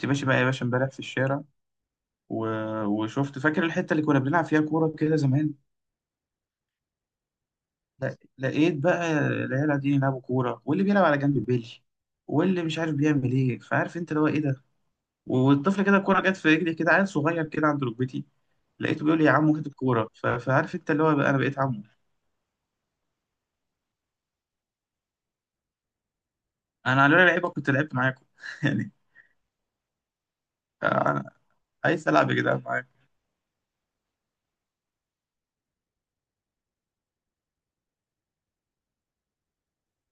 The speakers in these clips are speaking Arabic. كنت ماشي بقى يا باشا امبارح في الشارع و... وشفت فاكر الحته اللي كنا بنلعب فيها كوره كده زمان. لا... لقيت بقى العيال قاعدين يلعبوا كوره، واللي بيلعب على جنب بيلي واللي مش عارف بيعمل ايه، فعارف انت اللي هو ايه ده. والطفل كده الكوره جت في رجلي، كده عيل صغير كده عند ركبتي، لقيته بيقول لي يا عمو هات الكوره. فعارف انت اللي هو بقى، انا بقيت عمو. انا على لعيبه كنت لعبت معاكم يعني. انا عايز العب يا جدعان معاكم.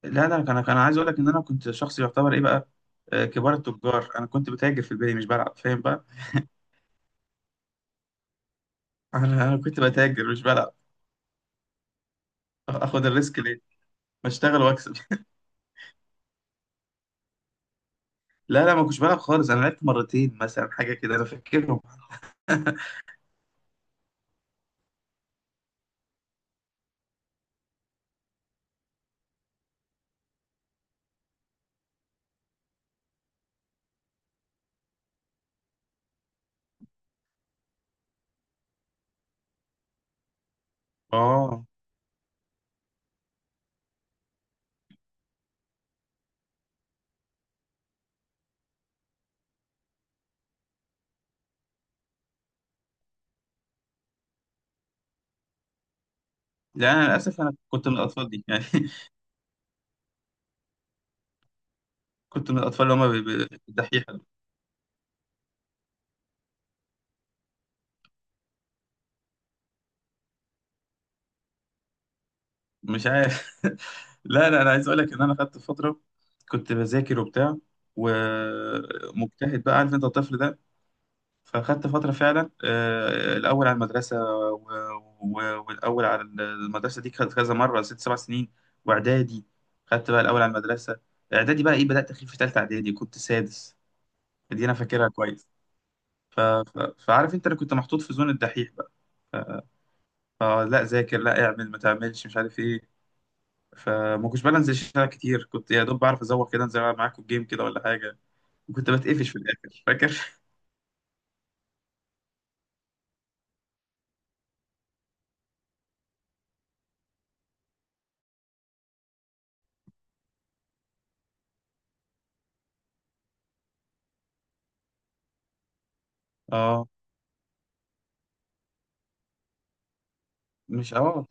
لا لا، انا كان عايز اقول لك ان انا كنت شخص يعتبر ايه بقى، آه، كبار التجار. انا كنت بتاجر في البيت مش بلعب، فاهم بقى. انا كنت بتاجر مش بلعب. اخد الريسك ليه، ما اشتغل واكسب لا لا، ما كنتش بلعب خالص، انا لعبت مرتين مثلا حاجه كده، انا فاكرهم اه، لا انا للاسف انا كنت من الاطفال دي يعني كنت من الاطفال اللي هم الدحيحه. مش عارف لا لا، انا عايز اقول لك ان انا خدت فتره كنت بذاكر وبتاع ومجتهد، بقى عارف انت الطفل ده. فخدت فترة فعلا آه، الأول على المدرسة والأول على المدرسة دي خدت كذا مرة ست سبع سنين وإعدادي. خدت بقى الأول على المدرسة إعدادي، بقى إيه بدأت أخيب في تالتة إعدادي كنت سادس، دي أنا فاكرها كويس. فعارف أنت، أنا كنت محطوط في زون الدحيح بقى، آه لا ذاكر لا اعمل ما تعملش مش عارف إيه. فما كنتش بقى أنزل الشارع كتير، كنت يا دوب بعرف أزوق كده أنزل ألعب معاكم الجيم كده ولا حاجة، وكنت بتقفش في الآخر، فاكر؟ آه، مش آه.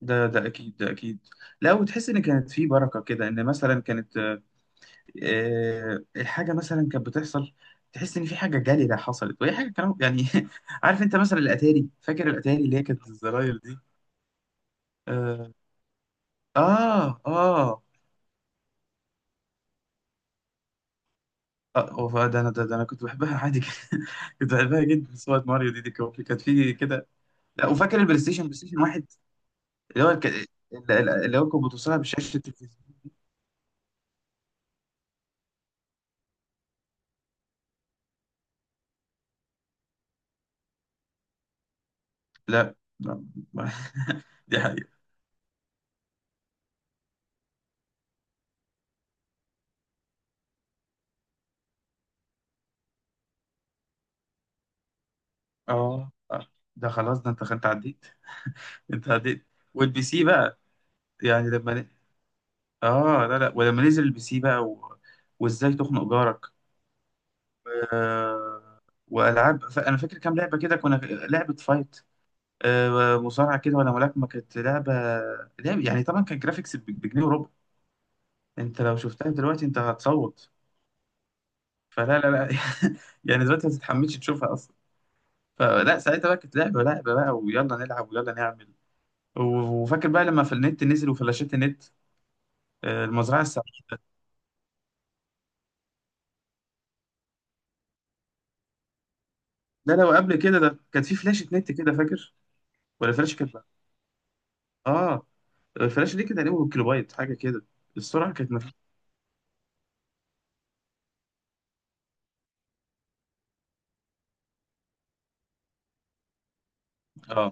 ده ده اكيد، ده اكيد. لا، وتحس ان كانت في بركه كده، ان مثلا كانت آه، الحاجه مثلا كانت بتحصل تحس ان في حاجه جليله حصلت، وهي حاجه كلام يعني عارف انت مثلا الاتاري، فاكر الاتاري اللي هي كانت الزراير دي. اه، اه، اه. آه، ده انا ده انا كنت بحبها عادي كده. كنت بحبها جدا، صوره ماريو دي كانت في كده. لا، وفاكر البلاي ستيشن، بلاي ستيشن واحد، اللي هو اللي هو كنت بتوصلها بشاشه التلفزيون. لا لا دي حقيقة. اه، آه. ده خلاص، ده انت عديت، انت عديت. والبي سي بقى يعني لما اه لا لا، ولما نزل البي سي بقى وازاي تخنق جارك. آه، والعاب انا فاكر كام لعبه كده، كنا لعبه فايت آه، مصارعه كده ولا ملاكمه كانت لعبه. يعني طبعا كان جرافيكس بجنيه وربع. انت لو شفتها دلوقتي انت هتصوت، فلا لا لا يعني دلوقتي ما تتحملش تشوفها اصلا. فلا، ساعتها بقى كانت لعبه، لعبه بقى ويلا نلعب ويلا نعمل. وفاكر بقى لما في النت نزل، وفلاشات النت آه، المزرعه السعيده. لا، لو قبل كده ده كانت في فلاشه نت كده، فاكر؟ ولا فلاشه كانت، اه. الفلاشه دي كانت تقريبا كيلوبايت حاجه كده، السرعه كانت اه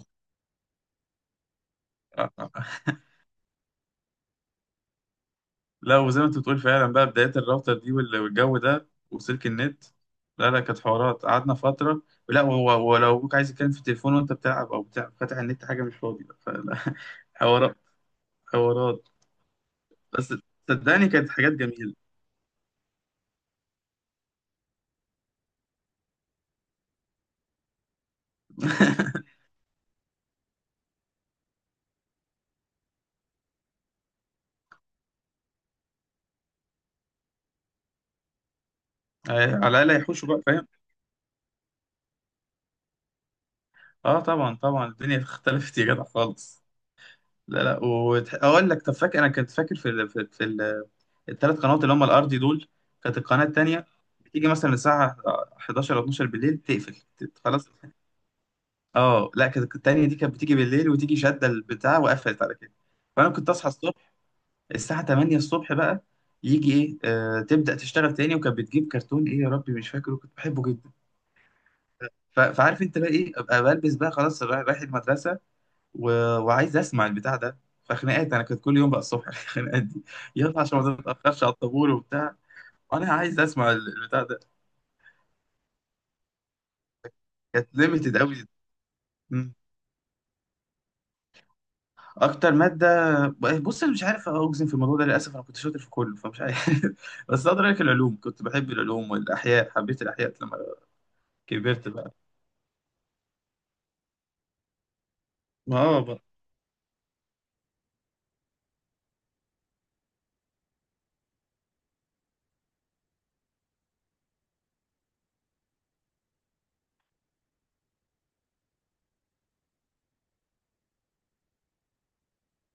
آه، آه لا، وزي ما انت بتقول فعلا بقى، بدايه الراوتر دي والجو ده وسلك النت. لا لا، كانت حوارات قعدنا فتره. لا، هو ولو ابوك عايز يتكلم في التليفون وانت بتلعب او بتاع فاتح النت، حاجه مش فاضي بقى، فلا حوارات، حوارات. بس صدقني كانت حاجات جميله. على الاقل هيحوشوا بقى، فاهم. اه طبعا طبعا، الدنيا اختلفت يا جدع خالص. لا لا، واقول لك، طب فاكر انا كنت فاكر في ال... الثلاث قنوات اللي هم الارضي دول، كانت القناه التانيه بتيجي مثلا الساعه 11 او 12 بالليل تقفل خلاص. اه لا، كانت التانيه دي كانت بتيجي بالليل وتيجي شاده البتاع وقفلت على كده. فانا كنت اصحى الصبح الساعه 8 الصبح بقى، يجي ايه آه تبدا تشتغل تاني، وكانت بتجيب كرتون ايه يا ربي مش فاكره، كنت بحبه جدا. فعارف انت بقى ايه، ابقى بلبس بقى خلاص رايح، رايح المدرسه و... وعايز اسمع البتاع ده، فخناقات انا كنت كل يوم بقى الصبح الخناقات دي، يلا عشان ما تتاخرش على الطابور وبتاع، انا عايز اسمع البتاع ده. كانت ليميتد قوي. مم. اكتر ماده، بص انا مش عارف اجزم في الموضوع ده، للاسف انا كنت شاطر في كله فمش عارف بس اقدر اقول لك العلوم، كنت بحب العلوم والاحياء، حبيت الاحياء لما كبرت بقى، اه بقى.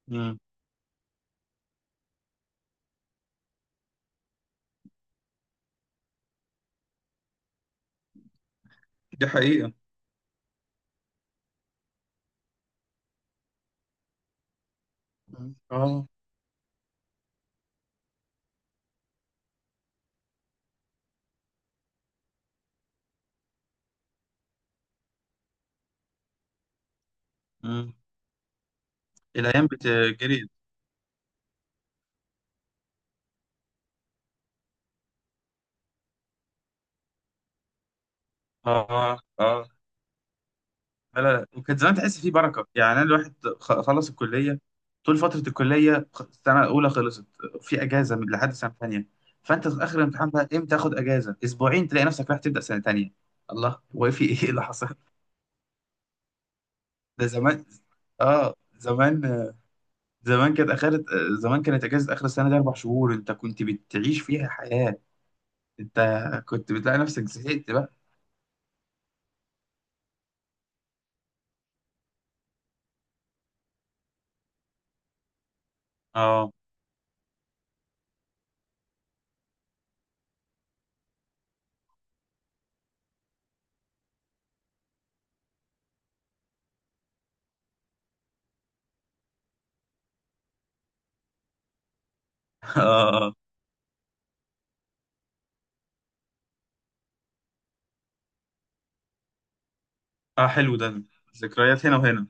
مم. دي حقيقة. مم. اه. مم. الايام بتجري. اه اه. لا لا لا. وكانت زمان تحس فيه بركه، يعني انا الواحد خلص الكليه، طول فتره الكليه السنه الاولى خلصت في اجازه من لحد سنه ثانيه، فانت في اخر الامتحان بقى امتى، تاخد اجازه اسبوعين تلاقي نفسك رايح تبدا سنه ثانيه. الله هو في ايه اللي حصل ده زمان، اه زمان. زمان كانت اخر، زمان كانت اجازه اخر السنه دي 4 شهور انت كنت بتعيش فيها حياه، انت كنت بتلاقي نفسك زهقت بقى. اه اه اه. آه، حلو ده، ذكريات هنا وهنا.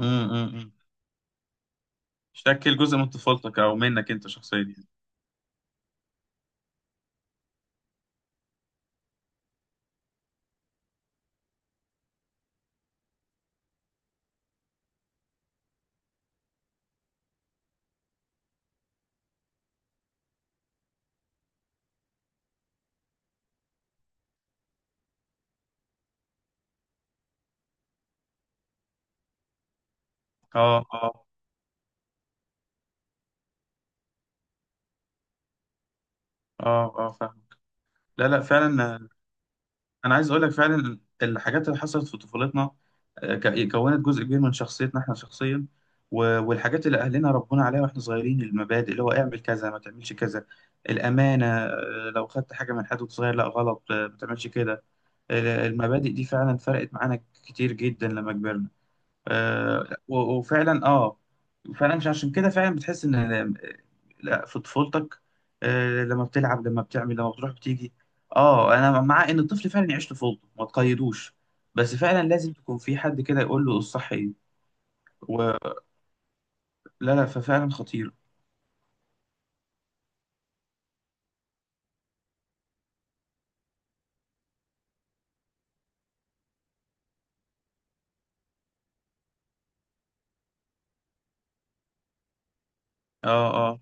امم، شكل جزء من طفولتك او منك انت شخصيا يعني. اه اه، اه اه، فاهم. لا لا، فعلا آه، انا عايز اقول لك فعلا الحاجات اللي حصلت في طفولتنا آه، كونت جزء كبير من شخصيتنا احنا شخصيا. والحاجات اللي اهلنا ربونا عليها واحنا صغيرين، المبادئ اللي هو اعمل كذا ما تعملش كذا، الامانه آه، لو خدت حاجه من حد وأنت صغير لا غلط آه، ما تعملش كده. آه، المبادئ دي فعلا فرقت معانا كتير جدا لما كبرنا آه، وفعلا اه فعلا. مش عشان كده فعلا بتحس ان، لا في طفولتك آه، لما بتلعب لما بتعمل لما بتروح بتيجي. اه انا مع ان الطفل فعلا يعيش طفولته ما تقيدوش، بس فعلا لازم تكون في حد كده يقول له الصح ايه ولا، لا ففعلا خطير. اه اه.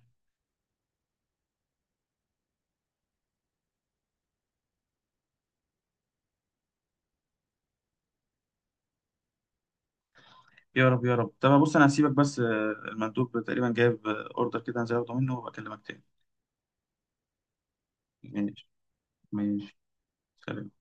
يا رب يا رب. طب بص، انا هسيبك بس آه، المندوب تقريبا جايب آه، اوردر كده هنزل اخده منه وبكلمك تاني. ماشي، ماشي. سلام.